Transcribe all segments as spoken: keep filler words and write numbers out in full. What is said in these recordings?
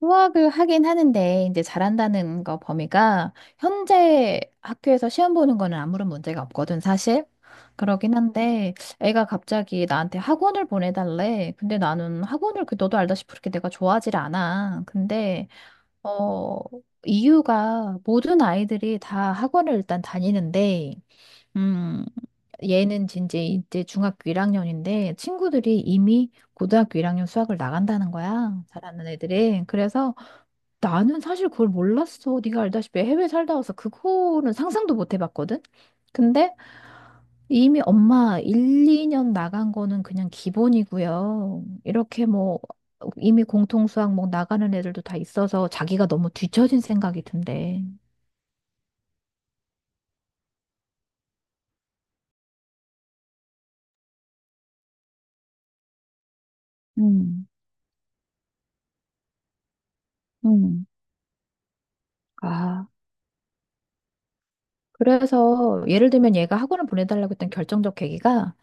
수학을 하긴 하는데 이제 잘한다는 거 범위가 현재 학교에서 시험 보는 거는 아무런 문제가 없거든 사실. 그러긴 한데 애가 갑자기 나한테 학원을 보내달래. 근데 나는 학원을 그 너도 알다시피 그렇게 내가 좋아하질 않아. 근데 어 이유가 모든 아이들이 다 학원을 일단 다니는데 음, 얘는 진짜 이제 중학교 일 학년인데 친구들이 이미 고등학교 일 학년 수학을 나간다는 거야. 잘하는 애들이. 그래서 나는 사실 그걸 몰랐어. 네가 알다시피 해외 살다 와서 그거는 상상도 못 해봤거든. 근데 이미 엄마 일, 이 년 나간 거는 그냥 기본이고요. 이렇게 뭐 이미 공통수학 뭐 나가는 애들도 다 있어서 자기가 너무 뒤처진 생각이 든대. 음, 음. 아, 그래서 예를 들면 얘가 학원을 보내달라고 했던 결정적 계기가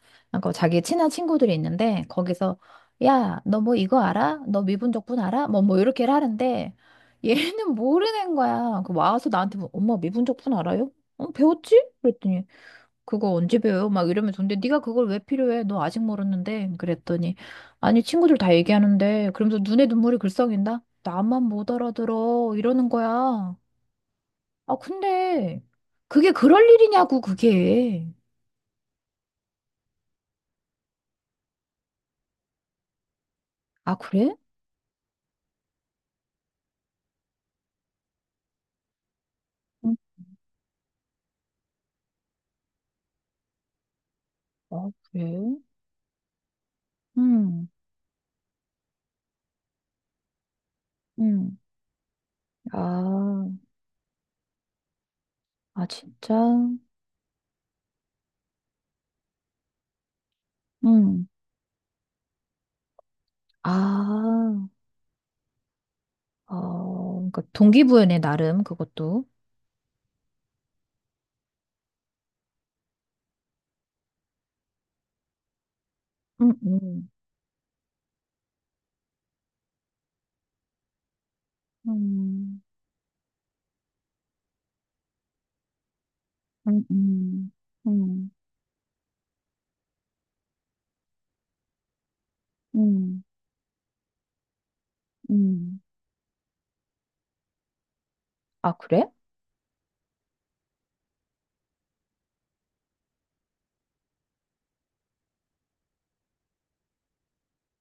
그 자기 친한 친구들이 있는데 거기서 야, 너 뭐 이거 알아? 너 미분적분 알아? 뭐 뭐 이렇게 하는데 얘는 모르는 거야. 그 와서 나한테 뭐, 엄마 미분적분 알아요? 어, 배웠지? 그랬더니 그거 언제 배워요? 막 이러면서 근데 네가 그걸 왜 필요해? 너 아직 모르는데 그랬더니 아니 친구들 다 얘기하는데 그러면서 눈에 눈물이 글썽인다. 나만 못 알아들어 이러는 거야. 아, 근데 그게 그럴 일이냐고, 그게. 아, 그래? 응, 아, 그래? 음, 음, 아, 아, 진짜? 음, 아, 어, 그러니까 동기부여네, 나름, 그것도. 응, 음, 음, 음, 음, 음, 음, 음. 아, 그래?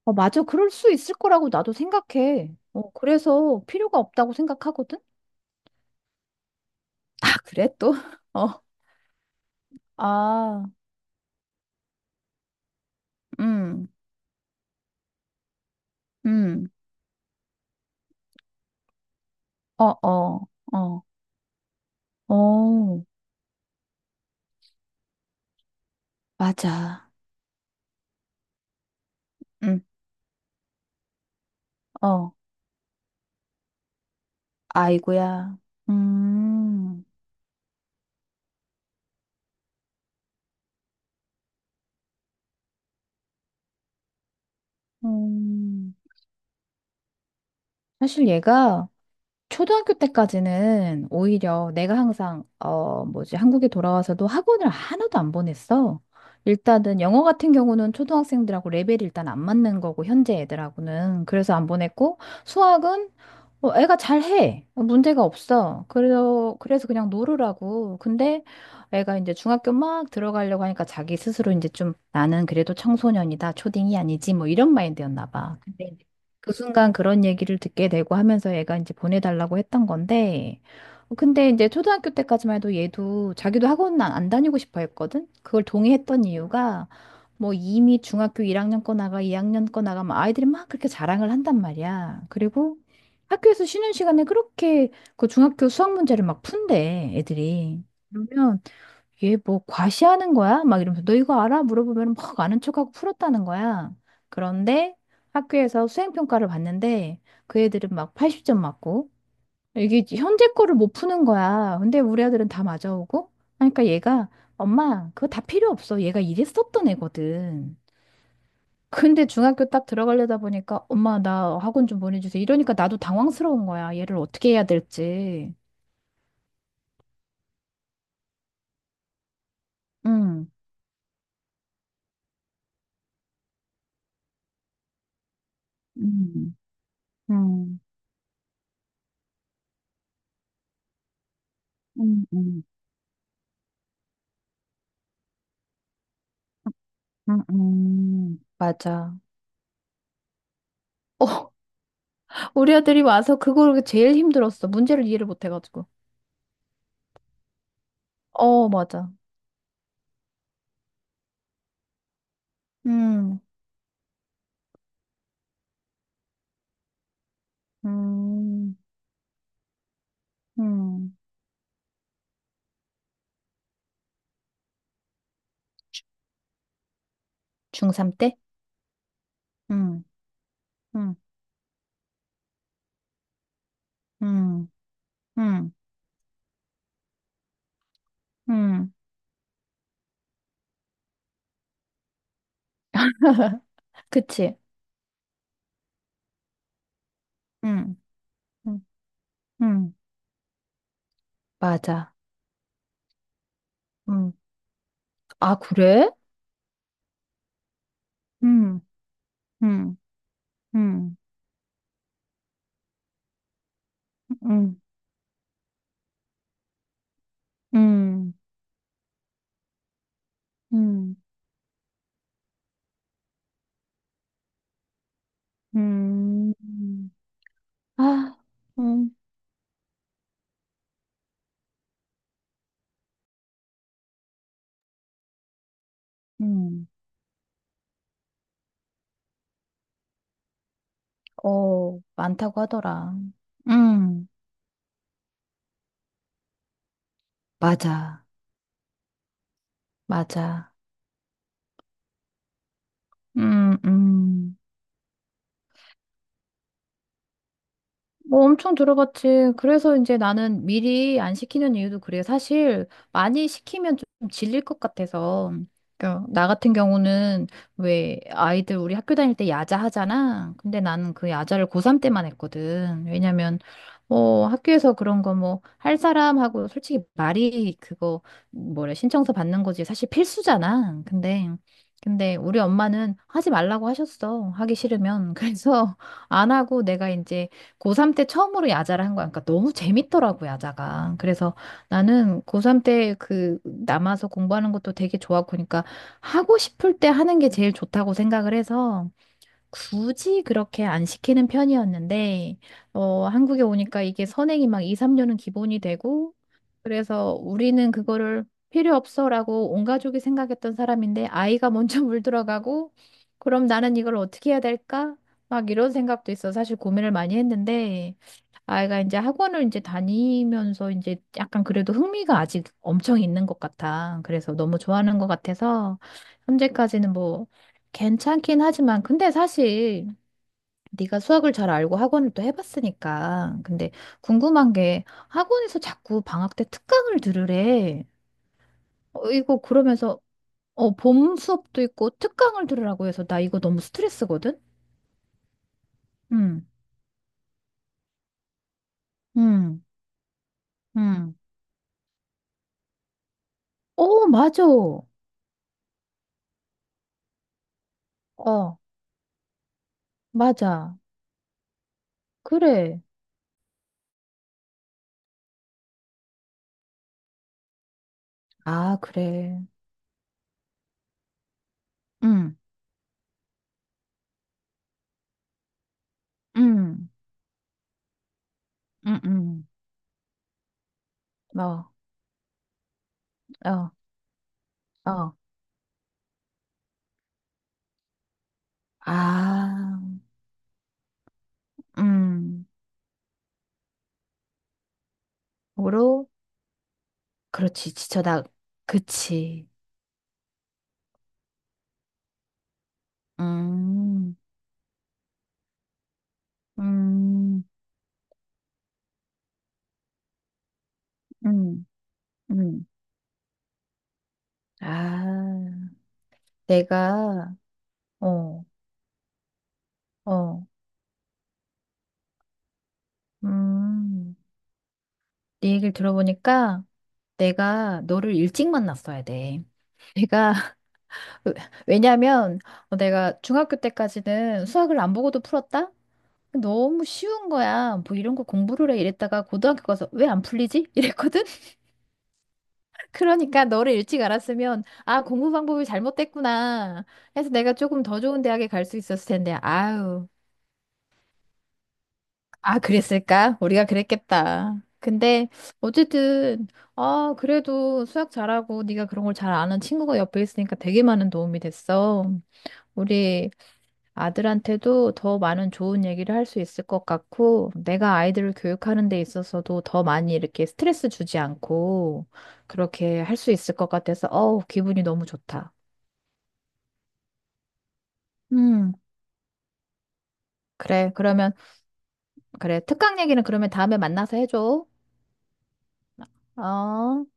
어, 맞아. 그럴 수 있을 거라고 나도 생각해. 어, 그래서 필요가 없다고 생각하거든? 아, 그래, 또? 어, 아, 음, 음. 어, 어, 어, 어, 맞아. 응, 어, 아이고야. 음, 음. 사실 얘가 초등학교 때까지는 오히려 내가 항상 어 뭐지 한국에 돌아와서도 학원을 하나도 안 보냈어. 일단은 영어 같은 경우는 초등학생들하고 레벨이 일단 안 맞는 거고 현재 애들하고는 그래서 안 보냈고 수학은 어, 애가 잘해 문제가 없어 그래서 그래서 그냥 놀으라고 근데 애가 이제 중학교 막 들어가려고 하니까 자기 스스로 이제 좀 나는 그래도 청소년이다 초딩이 아니지 뭐 이런 마인드였나 봐 근데 그 순간 그런 얘기를 듣게 되고 하면서 얘가 이제 보내달라고 했던 건데, 어, 근데 이제 초등학교 때까지만 해도 얘도 자기도 학원 안안 다니고 싶어 했거든? 그걸 동의했던 이유가, 뭐 이미 중학교 일 학년 거 나가, 이 학년 거 나가, 막 아이들이 막 그렇게 자랑을 한단 말이야. 그리고 학교에서 쉬는 시간에 그렇게 그 중학교 수학 문제를 막 푼대, 애들이. 그러면 얘 뭐 과시하는 거야? 막 이러면서 너 이거 알아? 물어보면 막 아는 척하고 풀었다는 거야. 그런데 학교에서 수행평가를 봤는데 그 애들은 막 팔십 점 맞고 이게 현재 거를 못 푸는 거야. 근데 우리 아들은 다 맞아오고 그러니까 얘가 엄마 그거 다 필요 없어. 얘가 이랬었던 애거든. 근데 중학교 딱 들어가려다 보니까 엄마 나 학원 좀 보내주세요. 이러니까 나도 당황스러운 거야. 얘를 어떻게 해야 될지. 응. 음, 음, 음. 음. 음, 음, 맞아. 어, 우리 아들이 와서 그걸 제일 힘들었어. 문제를 이해를 못 해가지고. 어, 맞아. 음, 음, 음. 중삼 때? 음, 음, 음, 음, 음. 그치? 음, 음, 음. 맞아. 음. 아, 그래? 음, 음, 음, 음, 음, 음, 음. 아, 음, 음. 어, 많다고 하더라. 음, 맞아, 맞아. 음, 음. 뭐 엄청 들어봤지. 그래서 이제 나는 미리 안 시키는 이유도 그래. 사실 많이 시키면 좀 질릴 것 같아서. 그러니까 나 같은 경우는 왜 아이들 우리 학교 다닐 때 야자 하잖아. 근데 나는 그 야자를 고삼 때만 했거든. 왜냐면 어 학교에서 그런 거 뭐 할 사람하고 솔직히 말이 그거 뭐래 신청서 받는 거지. 사실 필수잖아. 근데 근데 우리 엄마는 하지 말라고 하셨어. 하기 싫으면. 그래서 안 하고 내가 이제 고삼 때 처음으로 야자를 한 거야. 그러니까 너무 재밌더라고, 야자가. 그래서 나는 고삼 때 그 남아서 공부하는 것도 되게 좋았고, 그러니까 하고 싶을 때 하는 게 제일 좋다고 생각을 해서 굳이 그렇게 안 시키는 편이었는데, 어, 한국에 오니까 이게 선행이 막 이, 삼 년은 기본이 되고, 그래서 우리는 그거를 필요 없어라고 온 가족이 생각했던 사람인데, 아이가 먼저 물들어가고, 그럼 나는 이걸 어떻게 해야 될까? 막 이런 생각도 있어. 사실 고민을 많이 했는데, 아이가 이제 학원을 이제 다니면서 이제 약간 그래도 흥미가 아직 엄청 있는 것 같아. 그래서 너무 좋아하는 것 같아서 현재까지는 뭐 괜찮긴 하지만 근데 사실 네가 수학을 잘 알고 학원을 또 해봤으니까 근데 궁금한 게 학원에서 자꾸 방학 때 특강을 들으래. 어, 이거 그러면서 어, 봄 수업도 있고 특강을 들으라고 해서 나 이거 너무 스트레스거든? 응, 응, 응. 어, 맞아. 어, 맞아. 그래. 아, 그래. 응, 응, 응, 응. 어, 어, 어. 아, 음. 으로 그렇지. 지쳐다. 그치. 음, 음, 음, 음. 아, 내가, 어, 어, 음. 네 얘기를 들어보니까 내가 너를 일찍 만났어야 돼. 내가, 왜냐면 어, 내가 중학교 때까지는 수학을 안 보고도 풀었다? 너무 쉬운 거야. 뭐 이런 거 공부를 해 이랬다가 고등학교 가서 왜 안 풀리지? 이랬거든? 그러니까 너를 일찍 알았으면 아 공부 방법이 잘못됐구나 해서 내가 조금 더 좋은 대학에 갈 수 있었을 텐데 아유 아 그랬을까 우리가 그랬겠다 근데 어쨌든 아 그래도 수학 잘하고 네가 그런 걸 잘 아는 친구가 옆에 있으니까 되게 많은 도움이 됐어 우리 아들한테도 더 많은 좋은 얘기를 할 수 있을 것 같고 내가 아이들을 교육하는 데 있어서도 더 많이 이렇게 스트레스 주지 않고 그렇게 할 수 있을 것 같아서 어우 기분이 너무 좋다. 음, 그래. 그러면, 그래. 특강 얘기는 그러면 다음에 만나서 해줘. 어.